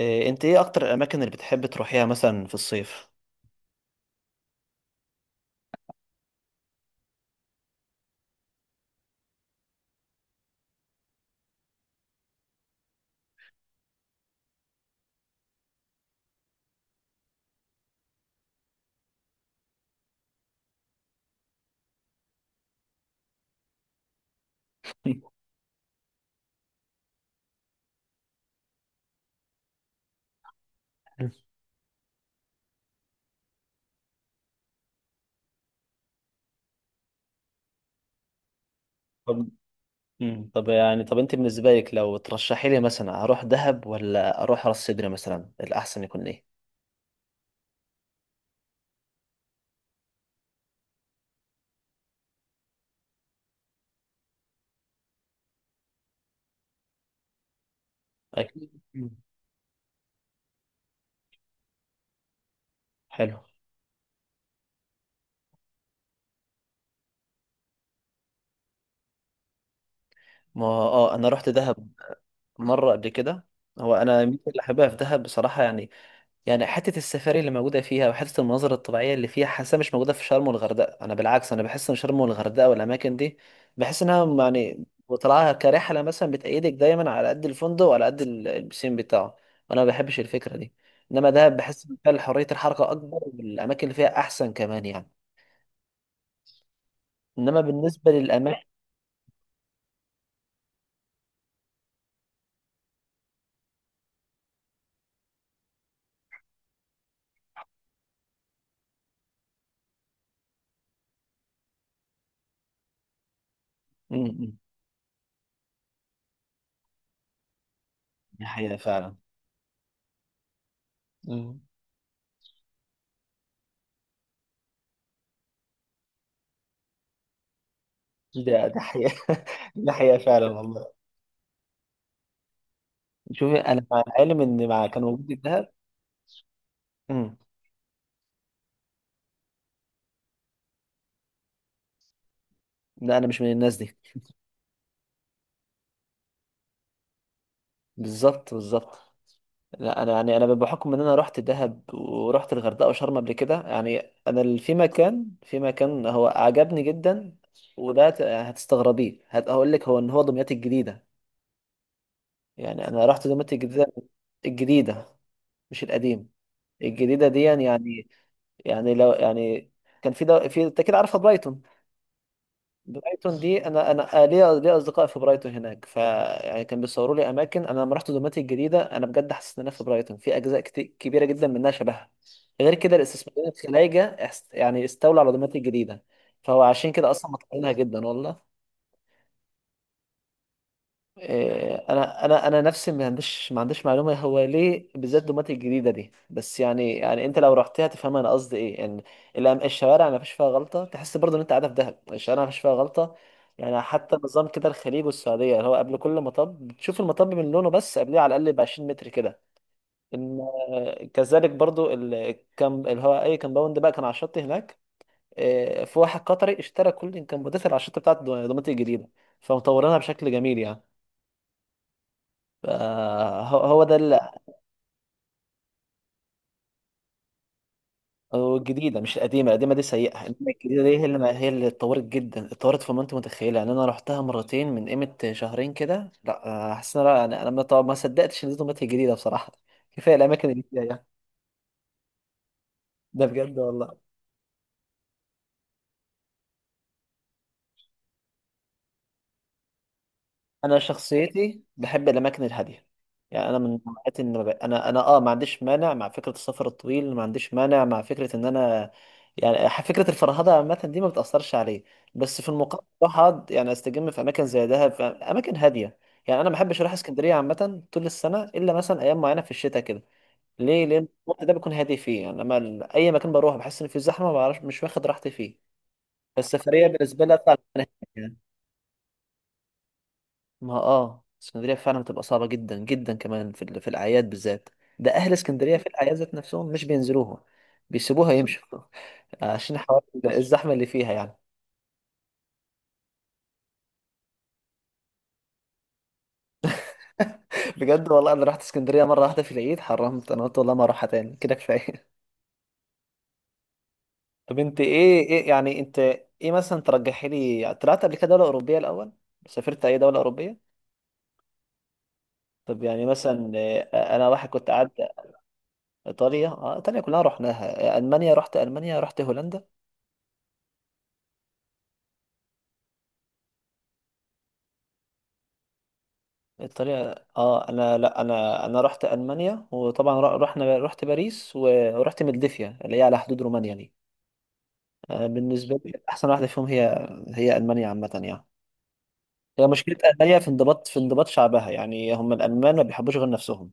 إيه، انت ايه اكتر الاماكن اللي بتحب تروحيها مثلا في الصيف؟ طب. طب انت بالنسبه لك لو ترشحي لي مثلا اروح دهب ولا اروح راس سدر مثلا، الاحسن يكون ايه؟ أكيد. حلو. ما اه انا رحت دهب مره قبل كده. هو انا يمكن اللي حاببها في دهب بصراحه، يعني حتة السفاري اللي موجودة فيها وحتة المناظر الطبيعية اللي فيها، حاسة مش موجودة في شرم والغردقة. أنا بالعكس، أنا بحس إن شرم والغردقة والأماكن دي، بحس إنها يعني وطلعها كرحلة مثلا بتأيدك دايما على قد الفندق وعلى قد البسين بتاعه، وأنا ما بحبش الفكرة دي. إنما ده بحس إن فيها حرية الحركة أكبر والأماكن اللي فيها أحسن كمان يعني. إنما بالنسبة للأماكن، م- م. دي حقيقة فعلا. م. ده ده حقيقة. ده حقيقة فعلا والله. شوفي أنا مع العلم إن مع كان وجود الذهب. م. لا أنا مش من الناس دي. بالظبط بالظبط. لا انا يعني انا بحكم ان انا رحت دهب ورحت الغردقه وشرم قبل كده، يعني انا في مكان، في مكان هو عجبني جدا، وده هتستغربيه، هقول لك، هو ان هو دمياط الجديده. يعني انا رحت دمياط الجديده، الجديده مش القديم، الجديده دي يعني. يعني لو يعني كان في في، انت كده عارفه برايتون؟ برايتون دي انا ليا اصدقاء في برايتون هناك، ف يعني كان بيصوروا لي اماكن. انا لما رحت دوماتي الجديده انا بجد حسيت ان انا في برايتون، في اجزاء كتير كبيره جدا منها شبهها. غير كده الاستثماريين الخلايجه يعني استولوا على دوماتي الجديده، فهو عشان كده اصلا مطلعينها جدا والله. إيه، انا نفسي، ما عنديش معلومه هو ليه بالذات دومات الجديده دي، بس يعني انت لو رحتها تفهم انا قصدي ايه يعني. الشوارع ما فيش فيها غلطه، تحس برضه ان انت قاعده في دهب، الشوارع ما فيش فيها غلطه. يعني حتى نظام كده الخليج والسعوديه، اللي هو قبل كل مطب بتشوف المطب من لونه، بس قبليه على الاقل ب 20 متر كده، ان كذلك برضه الكم اللي هو اي كمباوند بقى كان على الشط هناك. إيه، في واحد قطري اشترى كل الكمبوندات اللي على الشط بتاعت دومات الجديده، فمطورينها بشكل جميل يعني. فهو هو ده اللي، هو الجديده مش القديمه، القديمه دي سيئه، انما الجديده دي هي اللي، هي اللي اتطورت جدا، اتطورت فوق ما انت متخيله. يعني انا رحتها مرتين من قيمه شهرين كده، لا حاسس ان انا يعني انا ما صدقتش ان دي طماطم جديده بصراحه. كفايه الاماكن الجديده يعني. ده بجد والله. انا شخصيتي بحب الاماكن الهاديه. يعني انا من نوعيات ان ما ب- انا انا اه ما عنديش مانع مع فكره السفر الطويل، ما عنديش مانع مع فكره ان انا يعني، فكره الفرهده عامه دي ما بتاثرش عليه. بس في المقابل بروح اقعد يعني استجم في اماكن زي دهب، في اماكن هاديه. يعني انا ما بحبش اروح اسكندريه عامه طول السنه، الا مثلا ايام معينه في الشتاء كده. ليه؟ لان الوقت ده بيكون هادي فيه يعني. اما اي مكان بروح بحس ان في زحمه، ما بعرفش، مش واخد راحتي فيه. فالسفريه بالنسبه لي اطلع مكان هادي يعني. ما اه اسكندرية فعلا بتبقى صعبة جدا جدا كمان في في الأعياد بالذات. ده أهل اسكندرية في الأعياد ذات نفسهم مش بينزلوها، بيسيبوها يمشوا. عشان حوار الزحمة اللي فيها يعني. بجد والله أنا رحت اسكندرية مرة واحدة في العيد حرمت، أنا قلت والله ما أروحها تاني كده، كفاية. طب أنت إيه يعني أنت، إيه مثلا ترجحي لي؟ طلعت قبل كده دولة أوروبية الأول؟ سافرت أي دولة أوروبية؟ طب يعني مثلا أنا واحد كنت قاعد. إيطاليا؟ آه إيطاليا كلها رحناها. آه، ألمانيا رحت ألمانيا، رحت هولندا. الطريقة اه انا لا انا انا رحت المانيا، وطبعا رحنا، رحت باريس و ورحت ملدفيا اللي هي على حدود رومانيا دي. آه، بالنسبة لي احسن واحدة فيهم هي هي المانيا عامة يعني. هي مشكلة المانيا في انضباط، في انضباط شعبها يعني. هم الالمان ما بيحبوش غير نفسهم،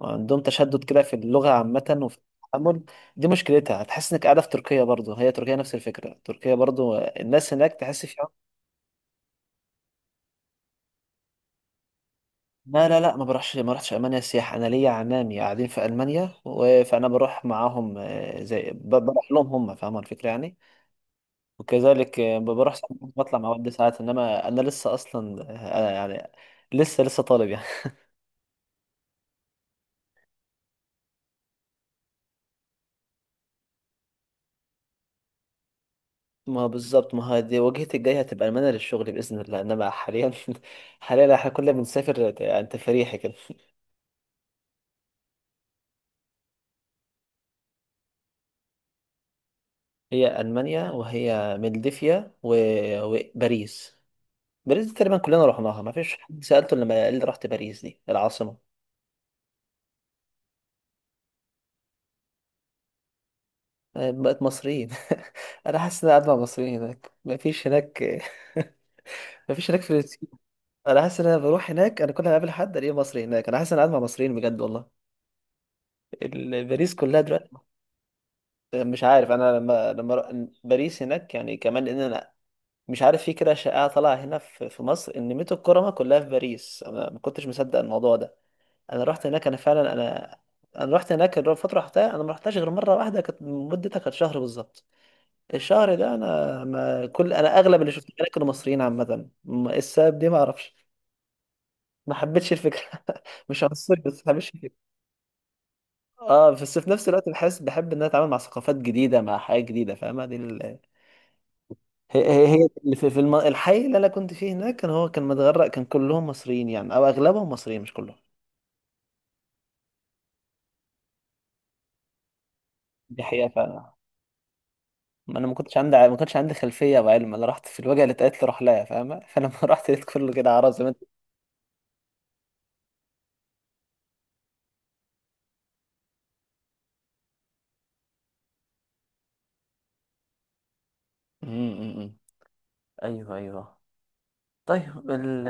وعندهم تشدد كده في اللغة عامة وفي التعامل. دي مشكلتها، هتحس انك قاعدة في تركيا برضو. هي تركيا نفس الفكرة، تركيا برضو الناس هناك تحس فيها. لا ما بروحش، ما رحتش المانيا سياحه. انا ليا عمامي قاعدين في المانيا و فانا بروح معاهم. آه، زي بروح لهم هم، فاهم الفكره يعني. وكذلك آه، بروح ساعات بطلع مع والدي ساعات، انما انا لسه اصلا، يعني لسه طالب يعني. ما بالظبط، ما هي دي وجهتي الجايه هتبقى المانيا للشغل باذن الله، انما حاليا، حاليا احنا كلنا بنسافر يعني تفريحي كده. هي المانيا وهي ملدفيا و وباريس. باريس دي تقريبا كلنا رحناها، ما فيش حد سالته لما قال لي رحت باريس دي العاصمه. طيب، بقت مصريين. انا حاسس ان انا قاعد مع مصريين هناك، مفيش هناك، مفيش هناك فلسطين. انا حاسس ان انا بروح هناك، انا كل ما اقابل حد الاقيه مصري هناك، انا حاسس ان انا قاعد مع مصريين بجد والله. باريس كلها دلوقتي. مش عارف انا باريس هناك يعني كمان ان انا، مش عارف في كده شائعه طالعه هنا في مصر ان ميت الكرمه كلها في باريس، انا ما كنتش مصدق الموضوع ده. انا رحت هناك، انا فعلا انا، انا رحت هناك الفتره رحتها، انا ما رحتهاش غير مره واحده كانت مدتها كانت شهر بالظبط. الشهر ده انا ما كل انا اغلب اللي شفتهم هناك كانوا مصريين عامه، السبب دي ما اعرفش. ما حبيتش الفكره. مش عنصري بس ما حبيتش الفكره. اه، بس في نفس الوقت بحس بحب ان انا اتعامل مع ثقافات جديده، مع حياه جديده، فاهمه دي هي هي اللي في الحي اللي انا كنت فيه هناك كان هو كان متغرق، كان كلهم مصريين يعني، او اغلبهم مصريين مش كلهم. دي حقيقه فعلا. ما انا ما كنتش عندي خلفيه وعلم، انا رحت في الوجهه اللي اتقالت لي روح لها فاهمه، فلما رحت لقيت كله كده عرب زي ما انت. أمم، أمم، أمم. ايوه ايوه. طيب ال،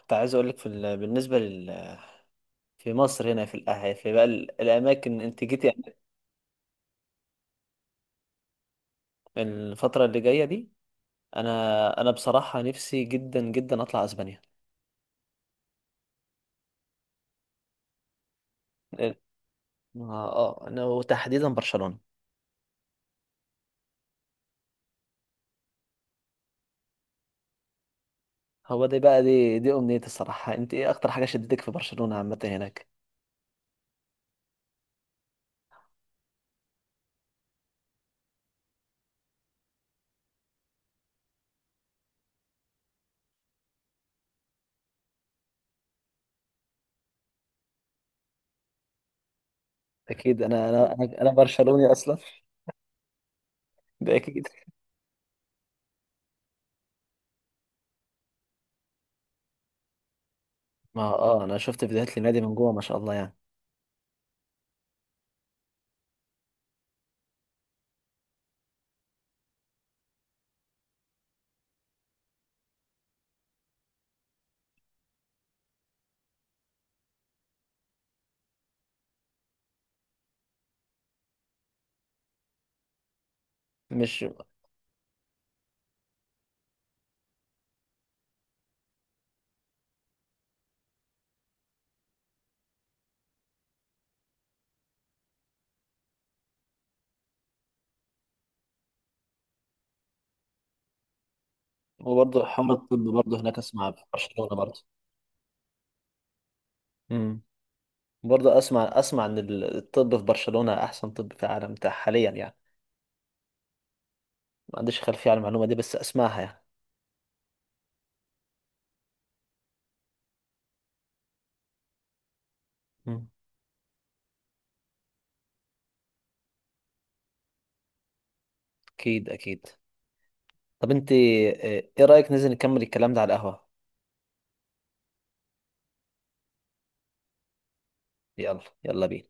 كنت عايز اقول لك في بالنسبه في مصر هنا في بقى الاماكن انت جيتي يعني. الفتره اللي جايه دي، انا انا بصراحه نفسي جدا جدا اطلع اسبانيا. اه. آه، انا وتحديدا برشلونه. هو دي بقى، دي دي امنيتي الصراحه. انت ايه اكتر حاجه شدتك في برشلونه عامه هناك؟ اكيد انا أنا برشلوني اصلا. ده اكيد. ما اه انا شفت فيديوهات للنادي من جوه ما شاء الله يعني. مش، وبرضه حوار الطب برضه هناك، اسمع في برشلونه برضه. إمم. برضه اسمع، اسمع ان الطب في برشلونة احسن طب في العالم، حاليا يعني. ما عنديش خلفية على المعلومة دي بس اسمعها يعني. مم. اكيد اكيد. طب انت آه، ايه رأيك ننزل نكمل الكلام ده على القهوة؟ يلا يلا بينا.